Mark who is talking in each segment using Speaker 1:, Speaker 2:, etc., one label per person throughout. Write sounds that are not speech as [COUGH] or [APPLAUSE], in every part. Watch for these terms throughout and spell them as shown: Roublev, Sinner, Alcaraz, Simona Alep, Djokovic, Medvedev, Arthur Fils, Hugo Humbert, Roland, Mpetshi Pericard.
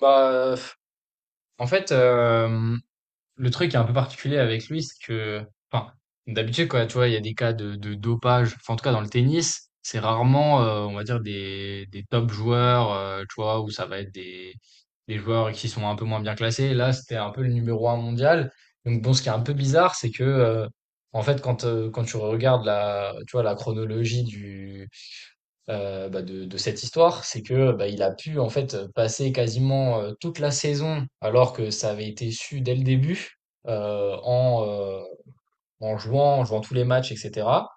Speaker 1: Bah, euh, en fait, le truc qui est un peu particulier avec lui, c'est que, enfin, d'habitude, quoi, tu vois, il y a des cas de dopage. Enfin, en tout cas, dans le tennis, c'est rarement, on va dire, des top joueurs, tu vois, où ça va être des joueurs qui sont un peu moins bien classés. Là, c'était un peu le numéro un mondial. Donc, bon, ce qui est un peu bizarre, c'est que, en fait, quand tu regardes tu vois, la chronologie de cette histoire, c'est que bah, il a pu en fait passer quasiment toute la saison, alors que ça avait été su dès le début, euh, en, euh, en jouant tous les matchs, etc.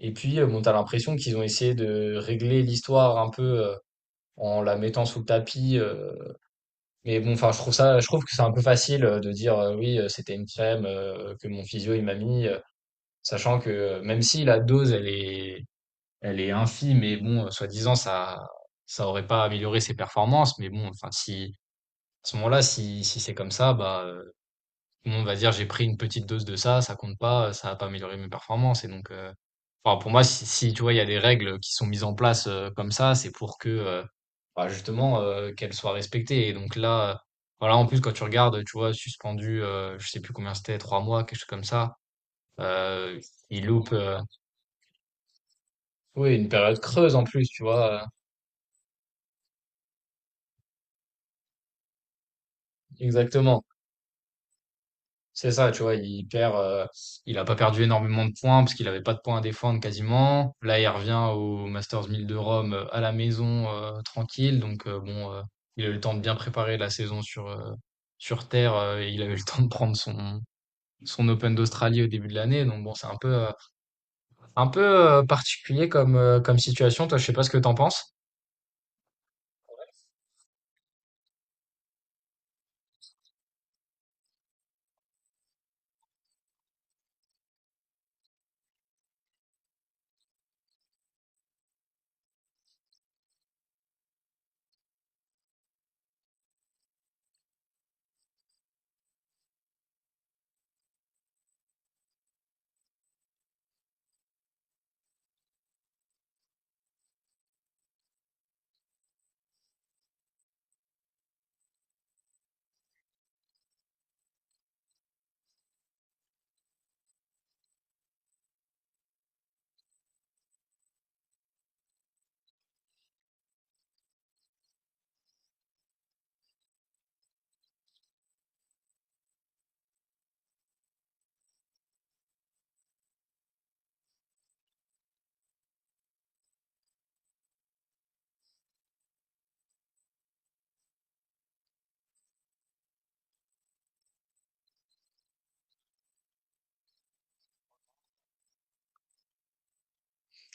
Speaker 1: Et puis, bon, t'as l'impression qu'ils ont essayé de régler l'histoire un peu en la mettant sous le tapis. Mais bon, enfin, je trouve que c'est un peu facile de dire oui, c'était une crème que mon physio il m'a mis, sachant que même si la dose elle est infime et bon, soi-disant, ça aurait pas amélioré ses performances. Mais bon, enfin, si à ce moment-là, si c'est comme ça, tout le monde va dire j'ai pris une petite dose de ça, ça compte pas, ça a pas amélioré mes performances. Et donc, enfin, pour moi, si, si, tu vois, il y a des règles qui sont mises en place comme ça, c'est pour que bah, justement qu'elles soient respectées. Et donc là, voilà, en plus, quand tu regardes, tu vois, suspendu, je sais plus combien c'était, trois mois, quelque chose comme ça. Euh, il loupe oui, une période creuse en plus, tu vois. Exactement. C'est ça, tu vois, il a pas perdu énormément de points parce qu'il avait pas de points à défendre quasiment. Là, il revient au Masters 1000 de Rome à la maison tranquille, donc il a eu le temps de bien préparer la saison sur terre et il a eu le [LAUGHS] temps de prendre son Open d'Australie au début de l'année, donc bon, c'est un peu particulier comme situation. Toi, je sais pas ce que t'en penses.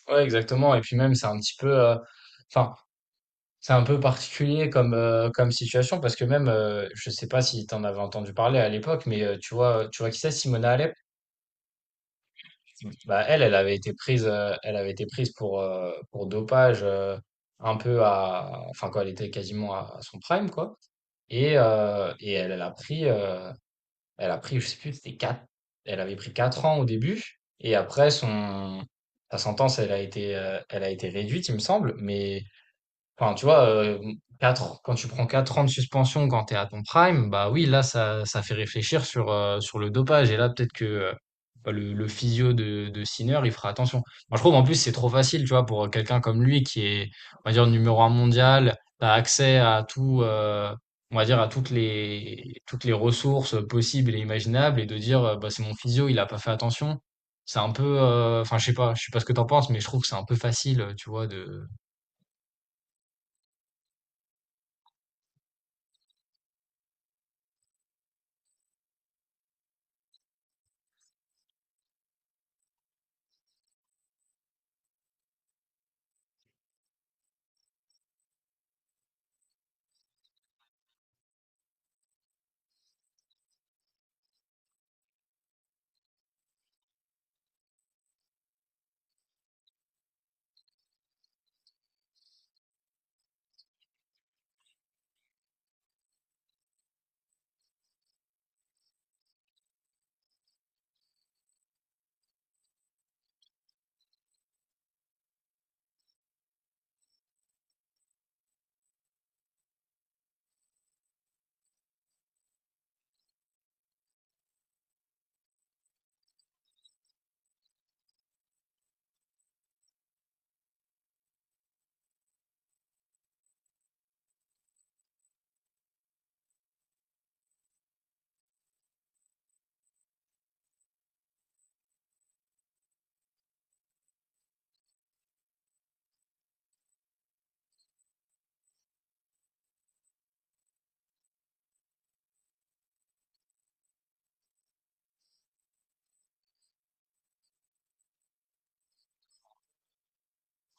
Speaker 1: Ouais, exactement. Et puis même, c'est un petit peu, enfin. C'est un peu particulier comme, comme situation parce que même, je sais pas si tu en avais entendu parler à l'époque, mais tu vois qui c'est, Simona Alep? Bah, elle, elle avait été prise pour dopage un peu à, enfin quand elle était quasiment à son prime, quoi. Et elle, elle a pris, je sais plus, c'était quatre, elle avait pris quatre ans au début, et après son, sa sentence, elle a été réduite, il me semble, mais enfin, tu vois, quatre, quand tu prends 4 ans de suspension quand tu es à ton prime, bah oui, là, ça fait réfléchir sur, sur le dopage. Et là, peut-être que le physio de Sinner, il fera attention. Moi, je trouve, en plus, c'est trop facile, tu vois, pour quelqu'un comme lui qui est, on va dire, numéro un mondial, tu as accès à tout, on va dire, à toutes les ressources possibles et imaginables et de dire, bah, c'est mon physio, il a pas fait attention. C'est un peu, enfin, je sais pas ce que t'en penses, mais je trouve que c'est un peu facile, tu vois, de,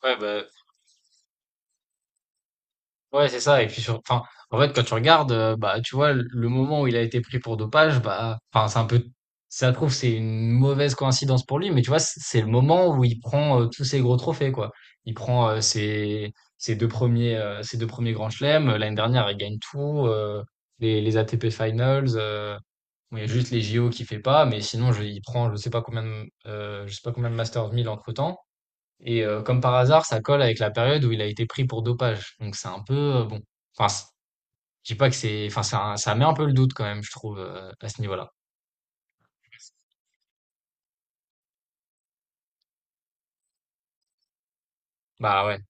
Speaker 1: ouais, c'est ça. Et puis, sur, enfin, en fait, quand tu regardes, bah, tu vois, le moment où il a été pris pour dopage, bah, enfin, c'est un peu, ça se trouve, c'est une mauvaise coïncidence pour lui, mais tu vois, c'est le moment où il prend tous ses gros trophées, quoi. Il prend ses deux premiers grands chelems. L'année dernière, il gagne tout, les ATP Finals. Bon, il y a juste les JO qui fait pas, mais sinon, il prend, je sais pas combien de Masters 1000 entre-temps. Et comme par hasard, ça colle avec la période où il a été pris pour dopage. Donc c'est un peu bon. Enfin, c'est- je dis pas que c'est. Enfin, ça met un peu le doute quand même, je trouve, à ce niveau-là. Bah ouais.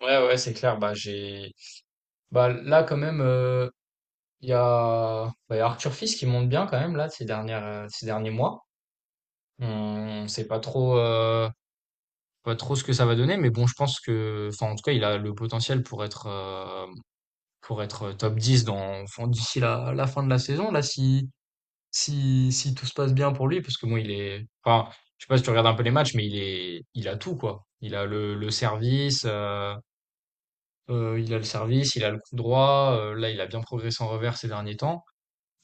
Speaker 1: Ouais, ouais, c'est clair. Bah j'ai. Bah là quand même, il y a Arthur Fils qui monte bien quand même là ces dernières ces derniers mois. On sait pas trop pas trop ce que ça va donner, mais bon, je pense que. Enfin, en tout cas, il a le potentiel pour être top 10 dans enfin, d'ici la fin de la saison là si. Si tout se passe bien pour lui, parce que bon, il est enfin, je sais pas si tu regardes un peu les matchs, mais il a tout quoi. Il a le service, il a le service, il a le coup droit, là, il a bien progressé en revers ces derniers temps.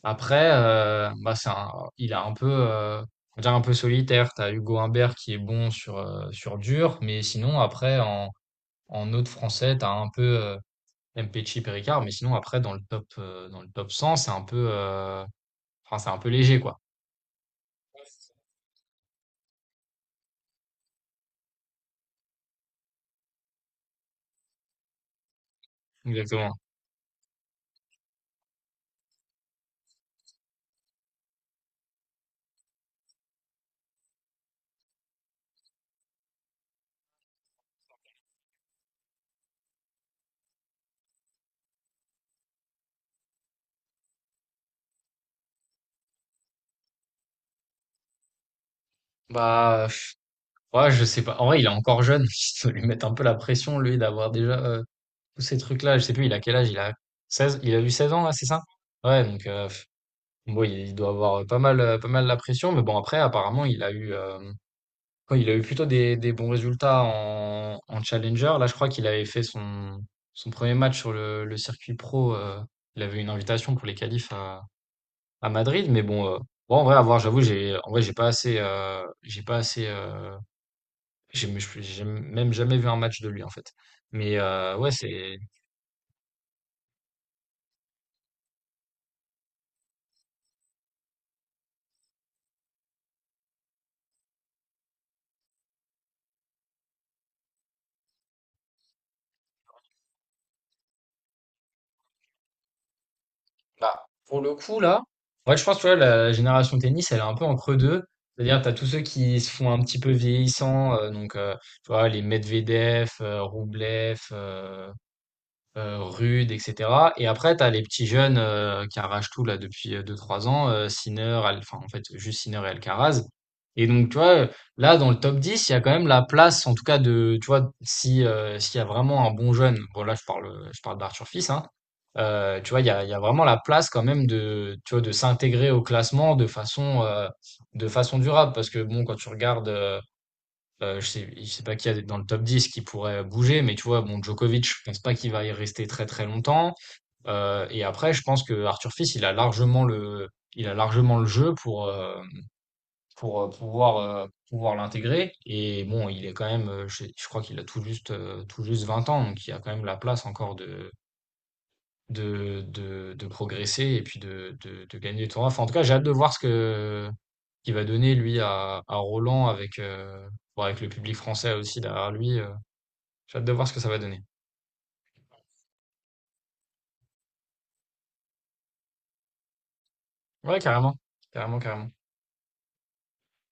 Speaker 1: Après, bah, c'est un il a un peu, on va dire un peu solitaire. T'as Hugo Humbert qui est bon sur, sur dur, mais sinon après en autre français, t'as un peu, Mpetshi, Pericard, mais sinon après dans le top 100, c'est un peu, enfin, c'est un peu léger quoi. Exactement. Bah, pff, ouais, je sais pas. En vrai, il est encore jeune. [LAUGHS] Il faut lui mettre un peu la pression, lui, d'avoir déjà tous ces trucs-là. Je sais plus, il a quel âge? Il a eu 16 ans, là, c'est ça? Ouais, donc, bon, il doit avoir pas mal la pression. Mais bon, après, apparemment, il a eu, il a eu plutôt des bons résultats en Challenger. Là, je crois qu'il avait fait son, son premier match sur le circuit pro. Il avait une invitation pour les qualifs à Madrid. Mais bon, en vrai, à voir, en vrai, j'ai pas assez, j'ai pas assez. J'ai même jamais vu un match de lui, en fait. Mais ouais, c'est bah, pour le coup, là, ouais, je pense, tu la génération tennis, elle est un peu entre deux. C'est-à-dire, tu as tous ceux qui se font un petit peu vieillissants, donc tu vois, les Medvedev, Roublev, Rude, et cetera, et après tu as les petits jeunes, qui arrachent tout là depuis, 2-3 ans, Sinner, Al enfin en fait juste Sinner et Alcaraz, et donc tu vois, là dans le top 10 il y a quand même la place en tout cas de tu vois si, s'il y a vraiment un bon jeune, bon là je parle d'Arthur Fils, hein, tu vois il y a vraiment la place quand même de tu vois de s'intégrer au classement de façon durable parce que bon quand tu regardes, je sais pas qui y a dans le top 10 qui pourrait bouger, mais tu vois, bon, Djokovic, je pense pas qu'il va y rester très, très longtemps. Et après, je pense que Arthur Fils, il a largement le jeu pour, pouvoir, pouvoir l'intégrer et bon, il est quand même, je crois qu'il a tout juste 20 ans, donc il y a quand même la place encore de progresser et puis de gagner des tournois. Enfin, en tout cas, j'ai hâte de voir ce que qu'il va donner lui à Roland avec, bah, avec le public français aussi derrière lui, heu, j'ai hâte de voir ce que ça va donner. Ouais, carrément. Carrément, carrément.